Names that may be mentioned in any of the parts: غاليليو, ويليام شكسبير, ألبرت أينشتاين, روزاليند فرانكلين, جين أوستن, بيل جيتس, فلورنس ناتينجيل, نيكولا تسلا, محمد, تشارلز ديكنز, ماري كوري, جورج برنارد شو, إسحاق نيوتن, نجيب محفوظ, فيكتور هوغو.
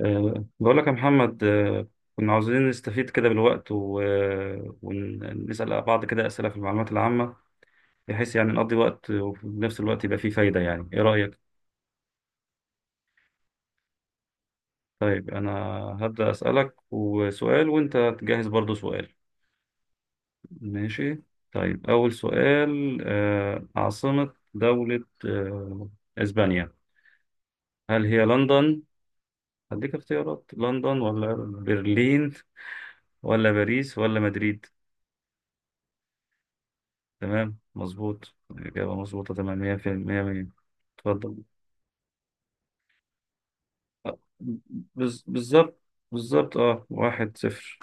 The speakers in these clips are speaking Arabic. بقول لك يا محمد، كنا عاوزين نستفيد كده بالوقت و- أه، ونسأل بعض كده أسئلة في المعلومات العامة، بحيث يعني نقضي وقت وفي نفس الوقت يبقى فيه فايدة. يعني إيه رأيك؟ طيب أنا هبدأ أسألك وسؤال وأنت تجهز برضو سؤال. ماشي. طيب أول سؤال، عاصمة دولة إسبانيا، هل هي لندن؟ هديك اختيارات، لندن ولا برلين ولا باريس ولا مدريد؟ تمام، مظبوط، الإجابة مظبوطة تمام، مية في المية مية. اتفضل. آه، بالظبط. بالظبط، اه واحد صفر.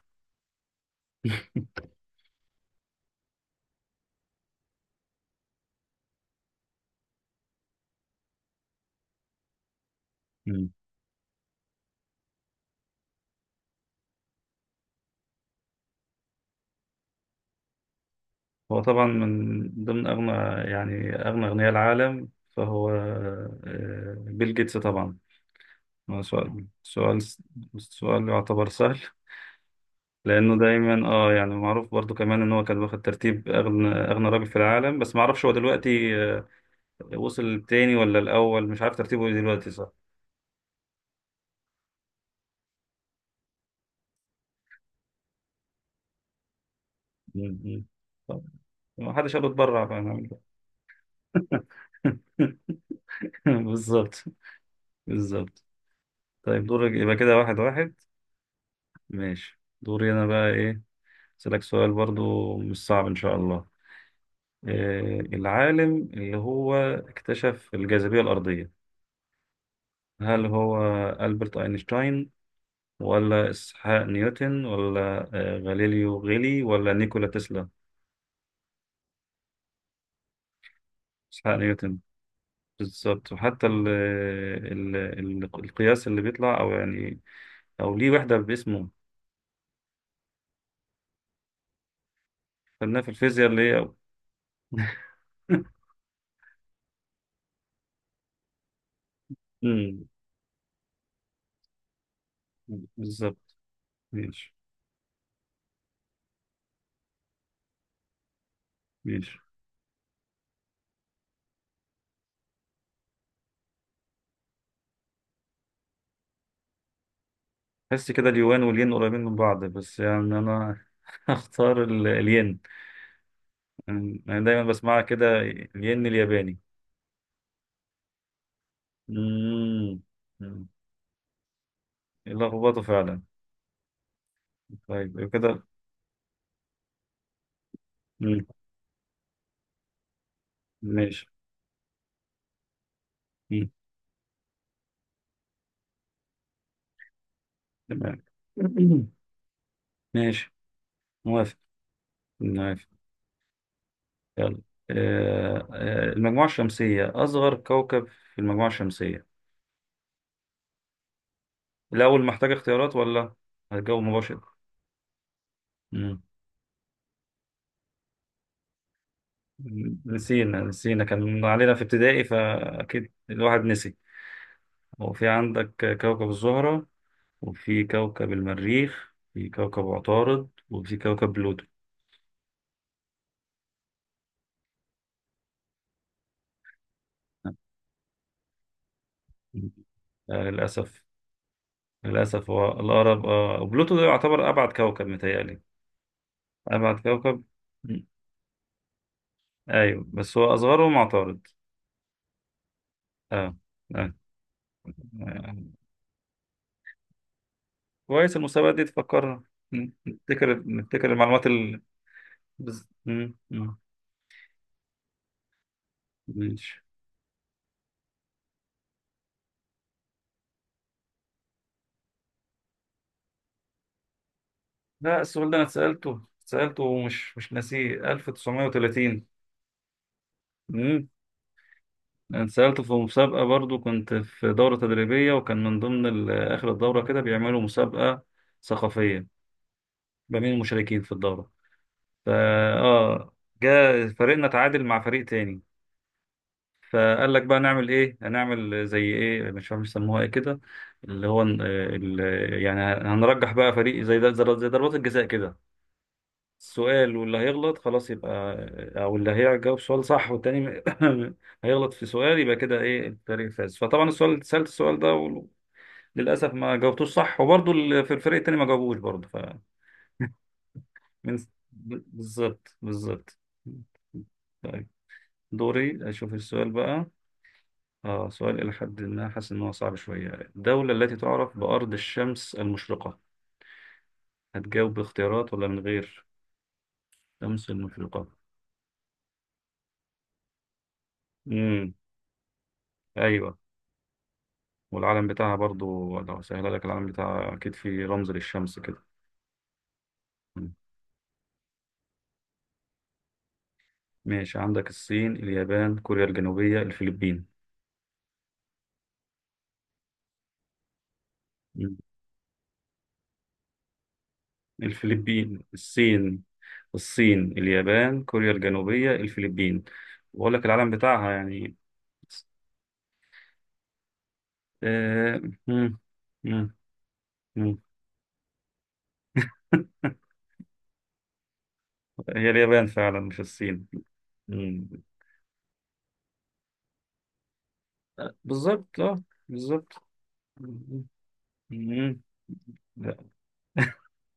مم. هو طبعا من ضمن أغنى، يعني أغنى أغنياء العالم، فهو بيل جيتس طبعا. هو سؤال يعتبر سهل، لأنه دايما اه يعني معروف برضو كمان إن هو كان واخد ترتيب أغنى راجل في العالم، بس معرفش هو دلوقتي، وصل التاني ولا الأول، مش عارف ترتيبه إيه دلوقتي. مم. طب ما حدش قال اتبرع، فاهم. بالظبط بالظبط. طيب دورك، يبقى كده واحد واحد. ماشي. دوري انا بقى ايه، اسالك سؤال برضو مش صعب ان شاء الله. إيه العالم اللي هو اكتشف الجاذبية الأرضية؟ هل هو ألبرت أينشتاين، ولا إسحاق نيوتن، ولا غاليليو غيلي، ولا نيكولا تسلا؟ إسحاق نيوتن، بالظبط. وحتى ال القياس اللي بيطلع أو يعني او ليه وحده باسمه، خدناها في الفيزياء اللي هي. امم بالظبط. ماشي. ماشي حس كده اليوان والين قريبين من بعض، بس يعني انا هختار الين. انا دايما بسمعها كده الين الياباني. امم أمم. لخبطه فعلا. طيب يبقى كده. أمم. ماشي. أمم. تمام. ماشي. موافق. موافق. يلا. المجموعة الشمسية، أصغر كوكب في المجموعة الشمسية. الأول محتاج اختيارات ولا هتجاوب مباشر؟ مم. نسينا، كان علينا في ابتدائي فأكيد الواحد نسي. هو في عندك كوكب الزهرة، وفي كوكب المريخ، في كوكب عطارد، وفي كوكب بلوتو. آه للأسف، للأسف. هو الأقرب آه بلوتو ده يعتبر أبعد كوكب متهيألي. أبعد كوكب. مم. أيوه بس هو أصغرهم عطارد. آه. آه. آه. كويس، المسابقة دي تفكرنا، نفتكر، المعلومات. مم. مم. ماشي. لا، السؤال ده انا سألته، ومش مش ناسيه، 1930. امم انا سألته في مسابقة برضو، كنت في دورة تدريبية وكان من ضمن آخر الدورة كده بيعملوا مسابقة ثقافية ما بين المشاركين في الدورة. فا اه، جاء فريقنا تعادل مع فريق تاني، فقال لك بقى نعمل ايه، هنعمل زي ايه، مش عارف يسموها ايه كده، اللي هو يعني هنرجح بقى فريق زي ده، زي ضربات الجزاء كده. سؤال، واللي هيغلط خلاص يبقى، او اللي هيجاوب سؤال صح والتاني هيغلط في سؤال، يبقى كده ايه الفريق فاز. فطبعا السؤال، سألت السؤال ده وللاسف ما جاوبتوش صح، وبرضه في الفريق التاني ما جاوبوش برضه فمن. بالظبط بالظبط. طيب دوري اشوف السؤال بقى. اه سؤال الى حد ما حاسس ان هو صعب شويه. الدوله التي تعرف بارض الشمس المشرقه. هتجاوب باختيارات ولا من غير؟ شمس المشرقه. امم ايوه. والعلم بتاعها برضو لو سهل لك، العلم بتاعها أكيد في رمز للشمس كده. مم. ماشي، عندك الصين، اليابان، كوريا الجنوبية، الفلبين. مم. الفلبين، الصين. الصين، اليابان، كوريا الجنوبية، الفلبين. وأقول لك العلم بتاعها يعني. آه، مم. مم. مم. هي اليابان فعلا مش الصين. مم. بالظبط اه، بالظبط. مم. مم. لا.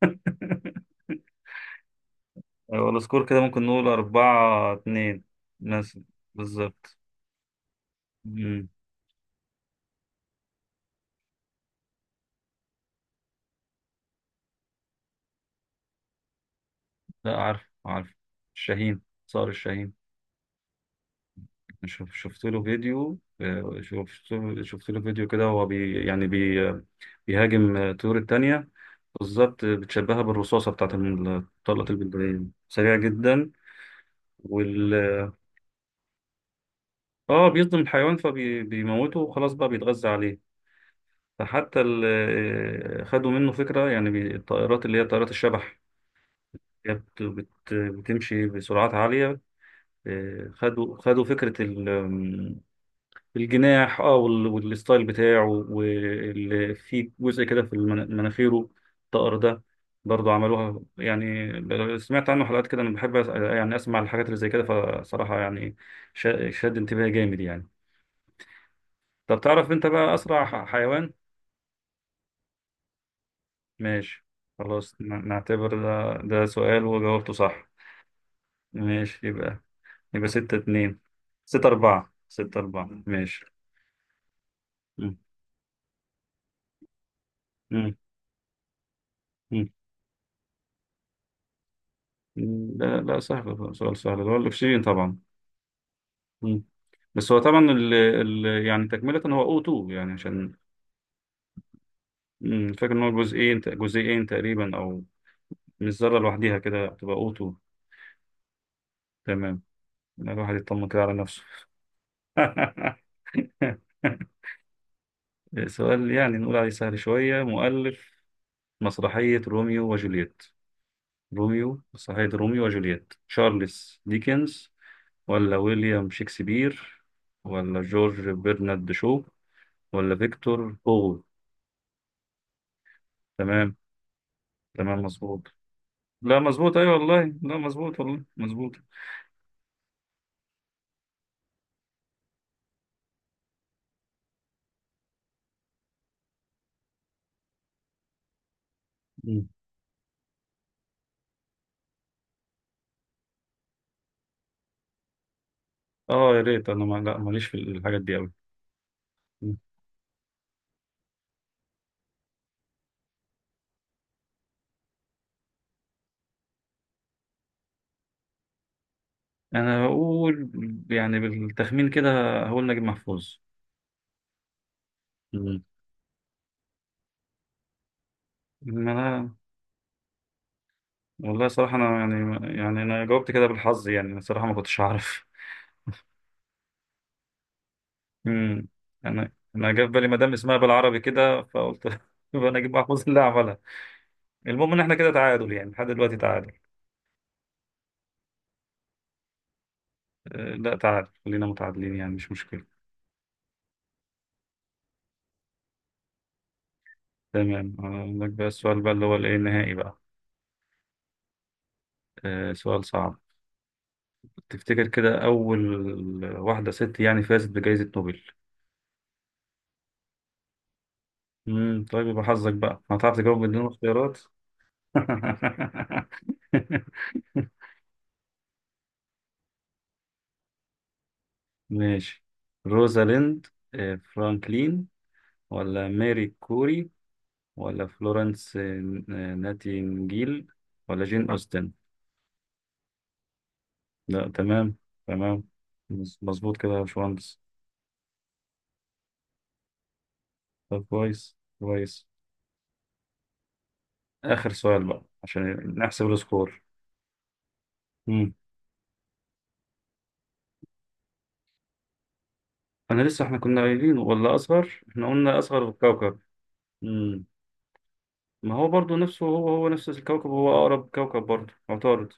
هو السكور كده ممكن نقول أربعة اتنين مثلا. بالظبط. مم. لا، عارف عارف، الشاهين. صار الشاهين. شوف، شفت له فيديو، شفت له فيديو كده، وهو بي يعني بي بيهاجم الطيور التانية. بالظبط، بتشبهها بالرصاصة بتاعت طلقة البندقية، سريع جدا. وال اه بيصدم الحيوان فبيموته وخلاص بقى بيتغذى عليه. فحتى خدوا منه فكرة، يعني الطائرات اللي هي طائرات الشبح كانت بتمشي بسرعات عالية. خدوا فكرة الجناح، اه، والستايل بتاعه، وفي جزء كده في مناخيره. الطقر ده برضه عملوها، يعني سمعت عنه حلقات كده، انا بحب يعني اسمع الحاجات اللي زي كده. فصراحة يعني شد انتباهي جامد يعني. طب تعرف انت بقى اسرع حيوان. ماشي. خلاص نعتبر ده سؤال وجاوبته صح. ماشي يبقى، ستة اتنين، ستة أربعة، ماشي. مم. مم. مم. لا لا سهل، سؤال سهل، اللي هو الأكسجين طبعا. مم. بس هو طبعا ال يعني تكملة هو O2، يعني عشان مم، فاكر إن هو جزئين، تقريبا أو مش ذرة لوحديها كده، تبقى O2. تمام. لا، الواحد يطمن كده على نفسه. سؤال يعني نقول عليه سهل شوية. مؤلف مسرحية روميو وجولييت، تشارلز ديكنز ولا ويليام شكسبير ولا جورج برنارد شو ولا فيكتور هوغو؟ تمام. تمام مظبوط. لا مظبوط، ايوه والله، لا مظبوط والله مظبوط. مم. اه يا ريت انا ما لا ماليش في الحاجات دي قوي. انا هقول، يعني بالتخمين كده، هقول نجيب محفوظ. مم. ما انا، والله صراحة انا يعني، يعني انا جاوبت كده بالحظ، يعني أنا صراحة ما كنتش اعرف. امم انا جه في بالي مدام اسمها بالعربي كده، فقلت. يبقى نجيب محفوظ اللي عملها. المهم ان احنا كده تعادل يعني لحد دلوقتي تعادل. لا تعادل، خلينا متعادلين يعني مش مشكلة. تمام. اقول لك بقى السؤال بقى اللي هو الايه النهائي بقى. سؤال صعب. تفتكر كده اول واحدة ست يعني فازت بجائزة نوبل. طيب يبقى حظك بقى، هتعرف تجاوب بدون اختيارات. ماشي. روزاليند فرانكلين، ولا ماري كوري، ولا فلورنس ناتينجيل، ولا جين أوستن؟ لا تمام. تمام. مظبوط كده يا باشمهندس. طب كويس كويس. آخر سؤال بقى عشان نحسب السكور. مم. أنا لسه، إحنا كنا قايلين ولا أصغر، إحنا قلنا أصغر كوكب. مم. ما هو برضو نفسه، هو هو نفس الكوكب، هو أقرب كوكب برضو عطارد.